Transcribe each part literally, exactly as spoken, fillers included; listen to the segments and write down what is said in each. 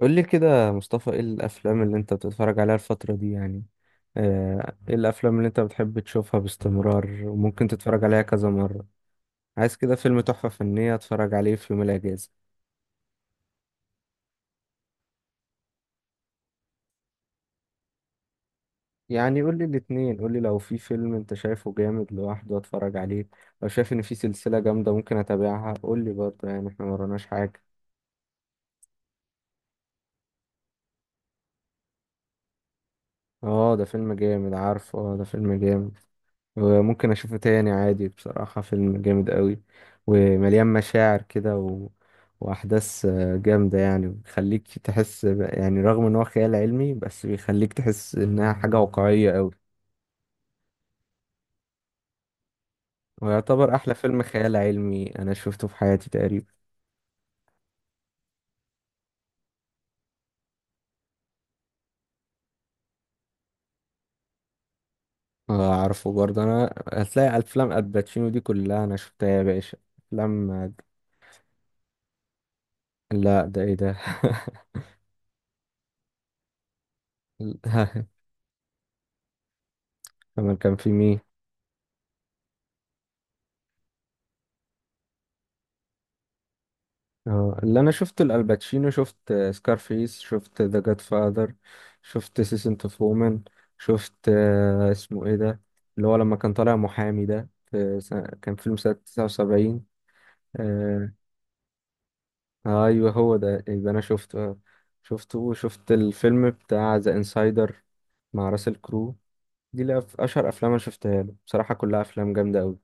قول لي كده يا مصطفى، ايه الافلام اللي انت بتتفرج عليها الفترة دي يعني؟ آه، ايه الافلام اللي انت بتحب تشوفها باستمرار وممكن تتفرج عليها كذا مرة؟ عايز كده فيلم تحفة فنية اتفرج عليه في يوم الاجازة. يعني قول لي الاتنين، قول لي لو في فيلم انت شايفه جامد لوحده اتفرج عليه، لو شايف ان في سلسلة جامدة ممكن اتابعها قول لي برضه، يعني احنا مرناش حاجة. اه ده فيلم جامد، عارفه، اه ده فيلم جامد. وممكن اشوفه تاني عادي، بصراحة فيلم جامد قوي ومليان مشاعر كده و... واحداث آه، جامدة، يعني بيخليك تحس ب- يعني رغم ان هو خيال علمي بس بيخليك تحس انها حاجة واقعية قوي. ويعتبر احلى فيلم خيال علمي انا شفته في حياتي تقريبا. آه، اعرفه برضه، انا هتلاقي افلام الباتشينو دي كلها انا شفتها يا باشا. افلام. لا ده ايه ده؟ كمان كان في مين؟ اه اللي انا شفت الالباتشينو، شفت سكارفيس، شفت ذا جاد فاذر، شفت سيسنت اوف وومن، شفت آه، اسمه ايه ده، اللي هو لما كان طالع محامي ده، في سنة كان فيلم سنة تسعة وسبعين. آه، آه، ايوه هو ده، يبقى انا شفته آه، شفته وشفت الفيلم بتاع ذا انسايدر، مع راسل كرو. دي اللي أف- اشهر افلام انا شفتها له بصراحة، كلها افلام جامدة قوي.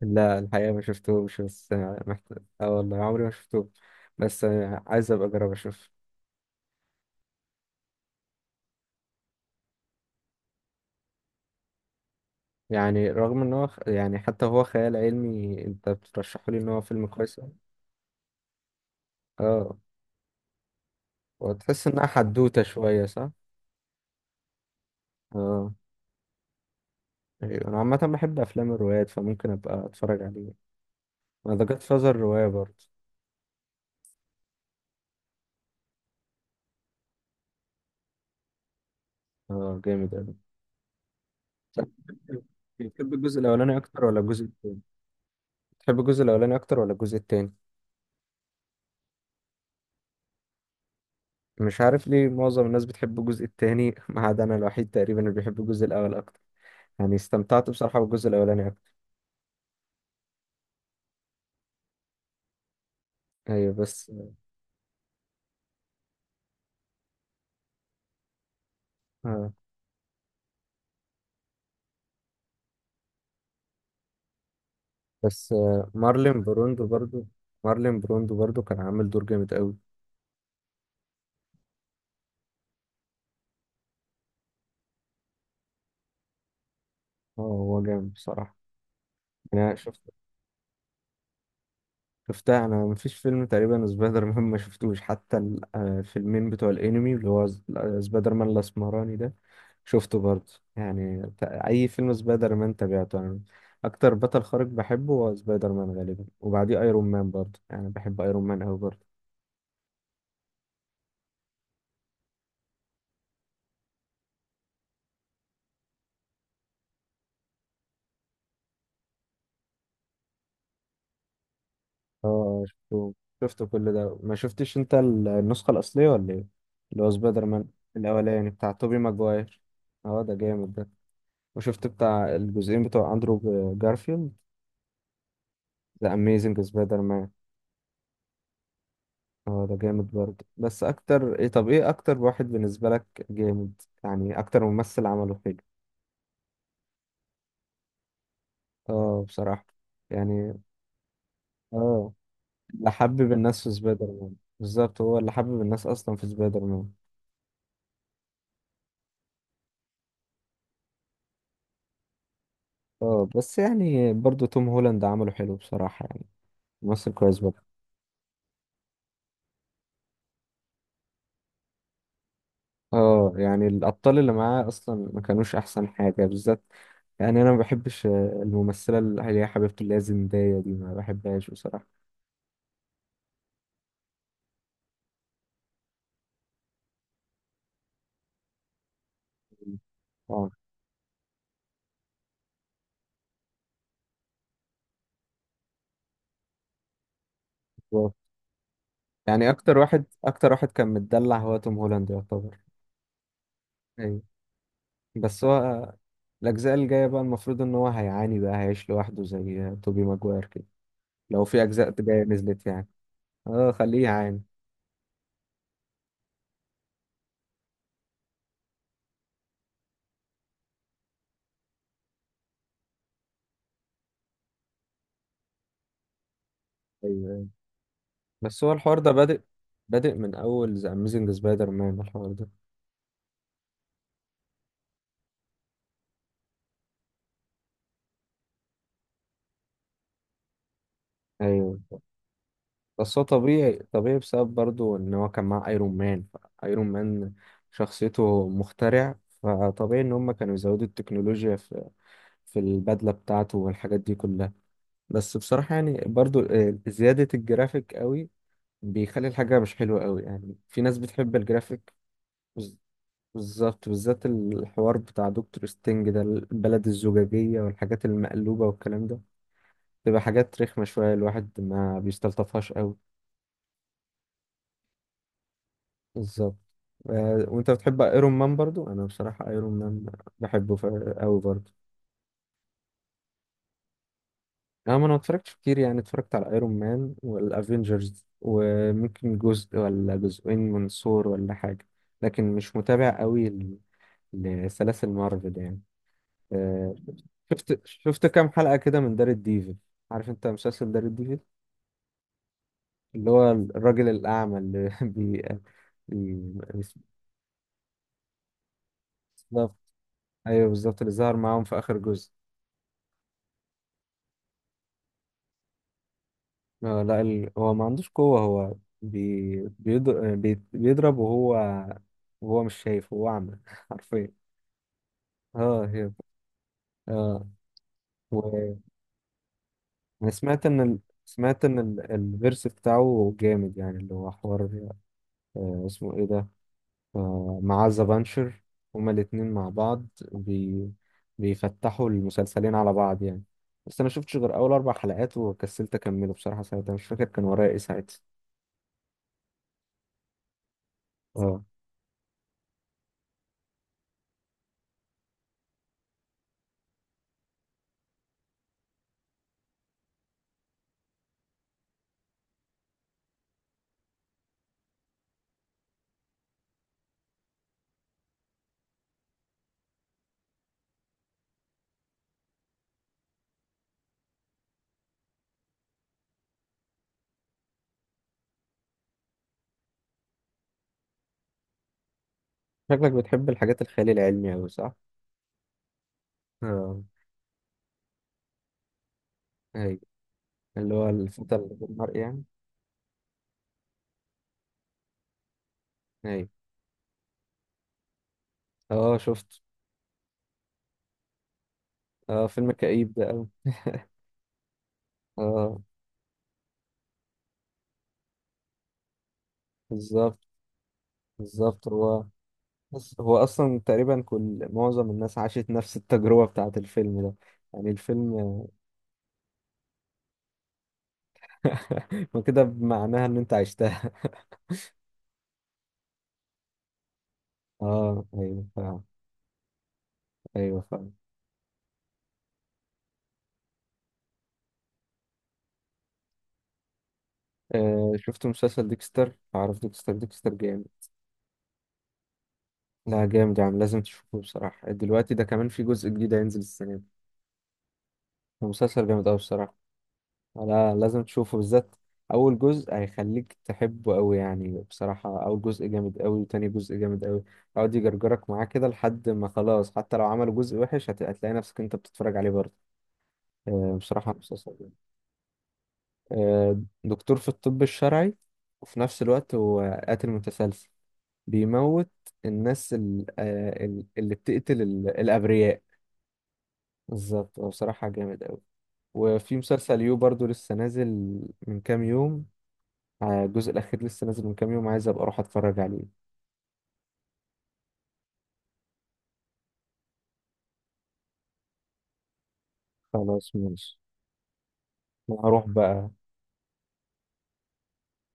لا الحقيقة ما شفتهمش، بس آه، محت- اه والله عمري ما شفتهم، بس آه، عايز ابقى اجرب اشوف. يعني رغم ان هو خ- يعني حتى هو خيال علمي، انت بترشحه لي ان هو فيلم كويس أوي. اه، وتحس انها حدوتة شوية، صح؟ اه أيوة. انا عامة بحب افلام الروايات، فممكن ابقى اتفرج عليه. انا ذا جاد فازر رواية برضه. اه جامد اوي. صح. بتحب الجزء الاولاني اكتر ولا الجزء التاني؟ بتحب الجزء الاولاني اكتر ولا الجزء التاني؟ مش عارف ليه معظم الناس بتحب الجزء التاني ما عدا انا الوحيد تقريبا اللي بيحب الجزء الاول اكتر. يعني استمتعت بصراحة بالجزء الاولاني اكتر. ايوه بس آه. بس آه، مارلين بروندو برضو، مارلين بروندو برضو كان عامل دور جامد قوي. اه هو جامد بصراحة. انا شفت، شفتها، انا مفيش فيلم تقريبا سبايدر مان ما شفتوش، حتى ال- آه، الفيلمين بتوع الانمي اللي هو ز- آه، سبايدر مان الاسمراني ده شفته برضه، يعني ت- اي فيلم سبايدر مان تابعته يعني. اكتر بطل خارق بحبه هو سبايدر مان غالبا، وبعديه ايرون مان برضه، يعني بحب ايرون مان قوي برضه. اه شفته، شفته كل ده، ما شفتش انت ال- النسخة الأصلية ولا ايه؟ اللي هو سبايدر مان الأولاني بتاع توبي ماجواير. اه ده جامد ده. وشفت بتاع الجزئين بتوع أندرو جارفيلد، ذا أميزنج سبايدر مان. اه ده جامد برضه. بس أكتر ايه، طب ايه أكتر واحد بالنسبة لك جامد يعني، أكتر ممثل عمله حلو؟ اه بصراحة يعني. اه اللي حبب الناس في سبايدر مان، بالظبط، هو اللي حبب الناس أصلا في سبايدر مان. اه بس يعني برضو توم هولاند عمله حلو بصراحة يعني، ممثل كويس برضه. اه يعني الأبطال اللي معاه أصلا ما كانوش أحسن حاجة بالذات. يعني أنا ما بحبش آه، الممثلة اللي هي حبيبته اللي هي زندايا دي، ما بحبهاش بصراحة. اه بالظبط. يعني أكتر واحد، أكتر واحد كان متدلع هو توم هولاند يعتبر. أيوة. بس هو آه، الأجزاء الجاية بقى المفروض إن هو هيعاني بقى، هيعيش لوحده زي آه، توبي ماجواير كده، لو في أجزاء جاية نزلت يعني. اه خليه يعاني. أيوة بس هو الحوار ده بادئ، بادئ من اول ذا اميزنج سبايدر مان الحوار ده. ايوه بس هو طبيعي، طبيعي بسبب برضو ان هو كان مع ايرون مان. ايرون مان شخصيته مخترع، فطبيعي ان هم كانوا يزودوا التكنولوجيا في في البدلة بتاعته والحاجات دي كلها. بس بصراحة يعني برضو آه، زيادة الجرافيك قوي بيخلي الحاجة مش حلوة قوي، يعني في ناس بتحب الجرافيك. بز- بالظبط، بالذات الحوار بتاع دكتور ستينج ده، البلد الزجاجية والحاجات المقلوبة والكلام ده، تبقى حاجات رخمة شوية الواحد ما بيستلطفهاش قوي. بالظبط. آه، وانت بتحب ايرون مان برضو؟ انا بصراحة ايرون مان بحبه ف- قوي برضو. انا ما انا اتفرجتش كتير يعني، اتفرجت على ايرون مان والافينجرز وممكن جزء ولا جزئين من ثور ولا حاجة، لكن مش متابع قوي ل- لسلاسل مارفل يعني. آه، شفت، شفت كام حلقة كده من دار الديفل، عارف انت مسلسل دار الديفل؟ اللي هو الراجل الأعمى اللي بي بي- ايوه بالظبط، اللي ظهر معاهم في اخر جزء. آه، لا ال... هو ما عندوش قوة، هو بي... بيضر... بي... بيضرب وهو، وهو مش شايف، هو اعمى حرفيا. اه هي، اه. و... انا سمعت ان ال... سمعت ان ال... الفيرس بتاعه جامد يعني، اللي هو حوار، آه اسمه ايه ده، آه مع ذا بانشر، هما الاتنين مع بعض، بي... بيفتحوا المسلسلين على بعض يعني. بس انا شفتش غير اول اربع حلقات وكسلت اكمله بصراحة، ساعتها مش فاكر كان ورايا ايه ساعتها. آه. شكلك بتحب الحاجات الخيال العلمي أوي، صح؟ اه. أيوة، اللي هو الفتى اللي في المرء يعني. أيوة. اه شفت. اه فيلم كئيب ده أوي. اه بالظبط، بالظبط. هو، بس هو أصلا تقريبا كل معظم الناس عاشت نفس التجربة بتاعة الفيلم ده، يعني الفيلم. ما كده بمعناها إن أنت عشتها. اه أيوة فاهم. أيوة فاهم. آه شفت مسلسل ديكستر؟ عارف ديكستر؟ ديكستر جامد، لا جامد يا عم، لازم تشوفه بصراحة، دلوقتي ده كمان في جزء جديد هينزل السنة دي، مسلسل جامد أوي بصراحة. لا لازم تشوفه بالذات، أول جزء هيخليك تحبه أوي يعني، بصراحة أول جزء جامد أوي وتاني جزء جامد أوي، يقعد يجرجرك معاه كده لحد ما خلاص، حتى لو عملوا جزء وحش هت- هتلاقي نفسك أنت بتتفرج عليه برضه. آه، بصراحة مسلسل جامد. آه، دكتور في الطب الشرعي، وفي نفس الوقت هو قاتل متسلسل، بيموت الناس ال- آه، ال- اللي بتقتل ال- الأبرياء. بالظبط، هو بصراحة جامد أوي. وفي مسلسل يو برضو لسه نازل من كام يوم، آه، الجزء الأخير لسه نازل من كام يوم، عايز أبقى أروح أتفرج عليه. خلاص ماشي. أنا هروح بقى.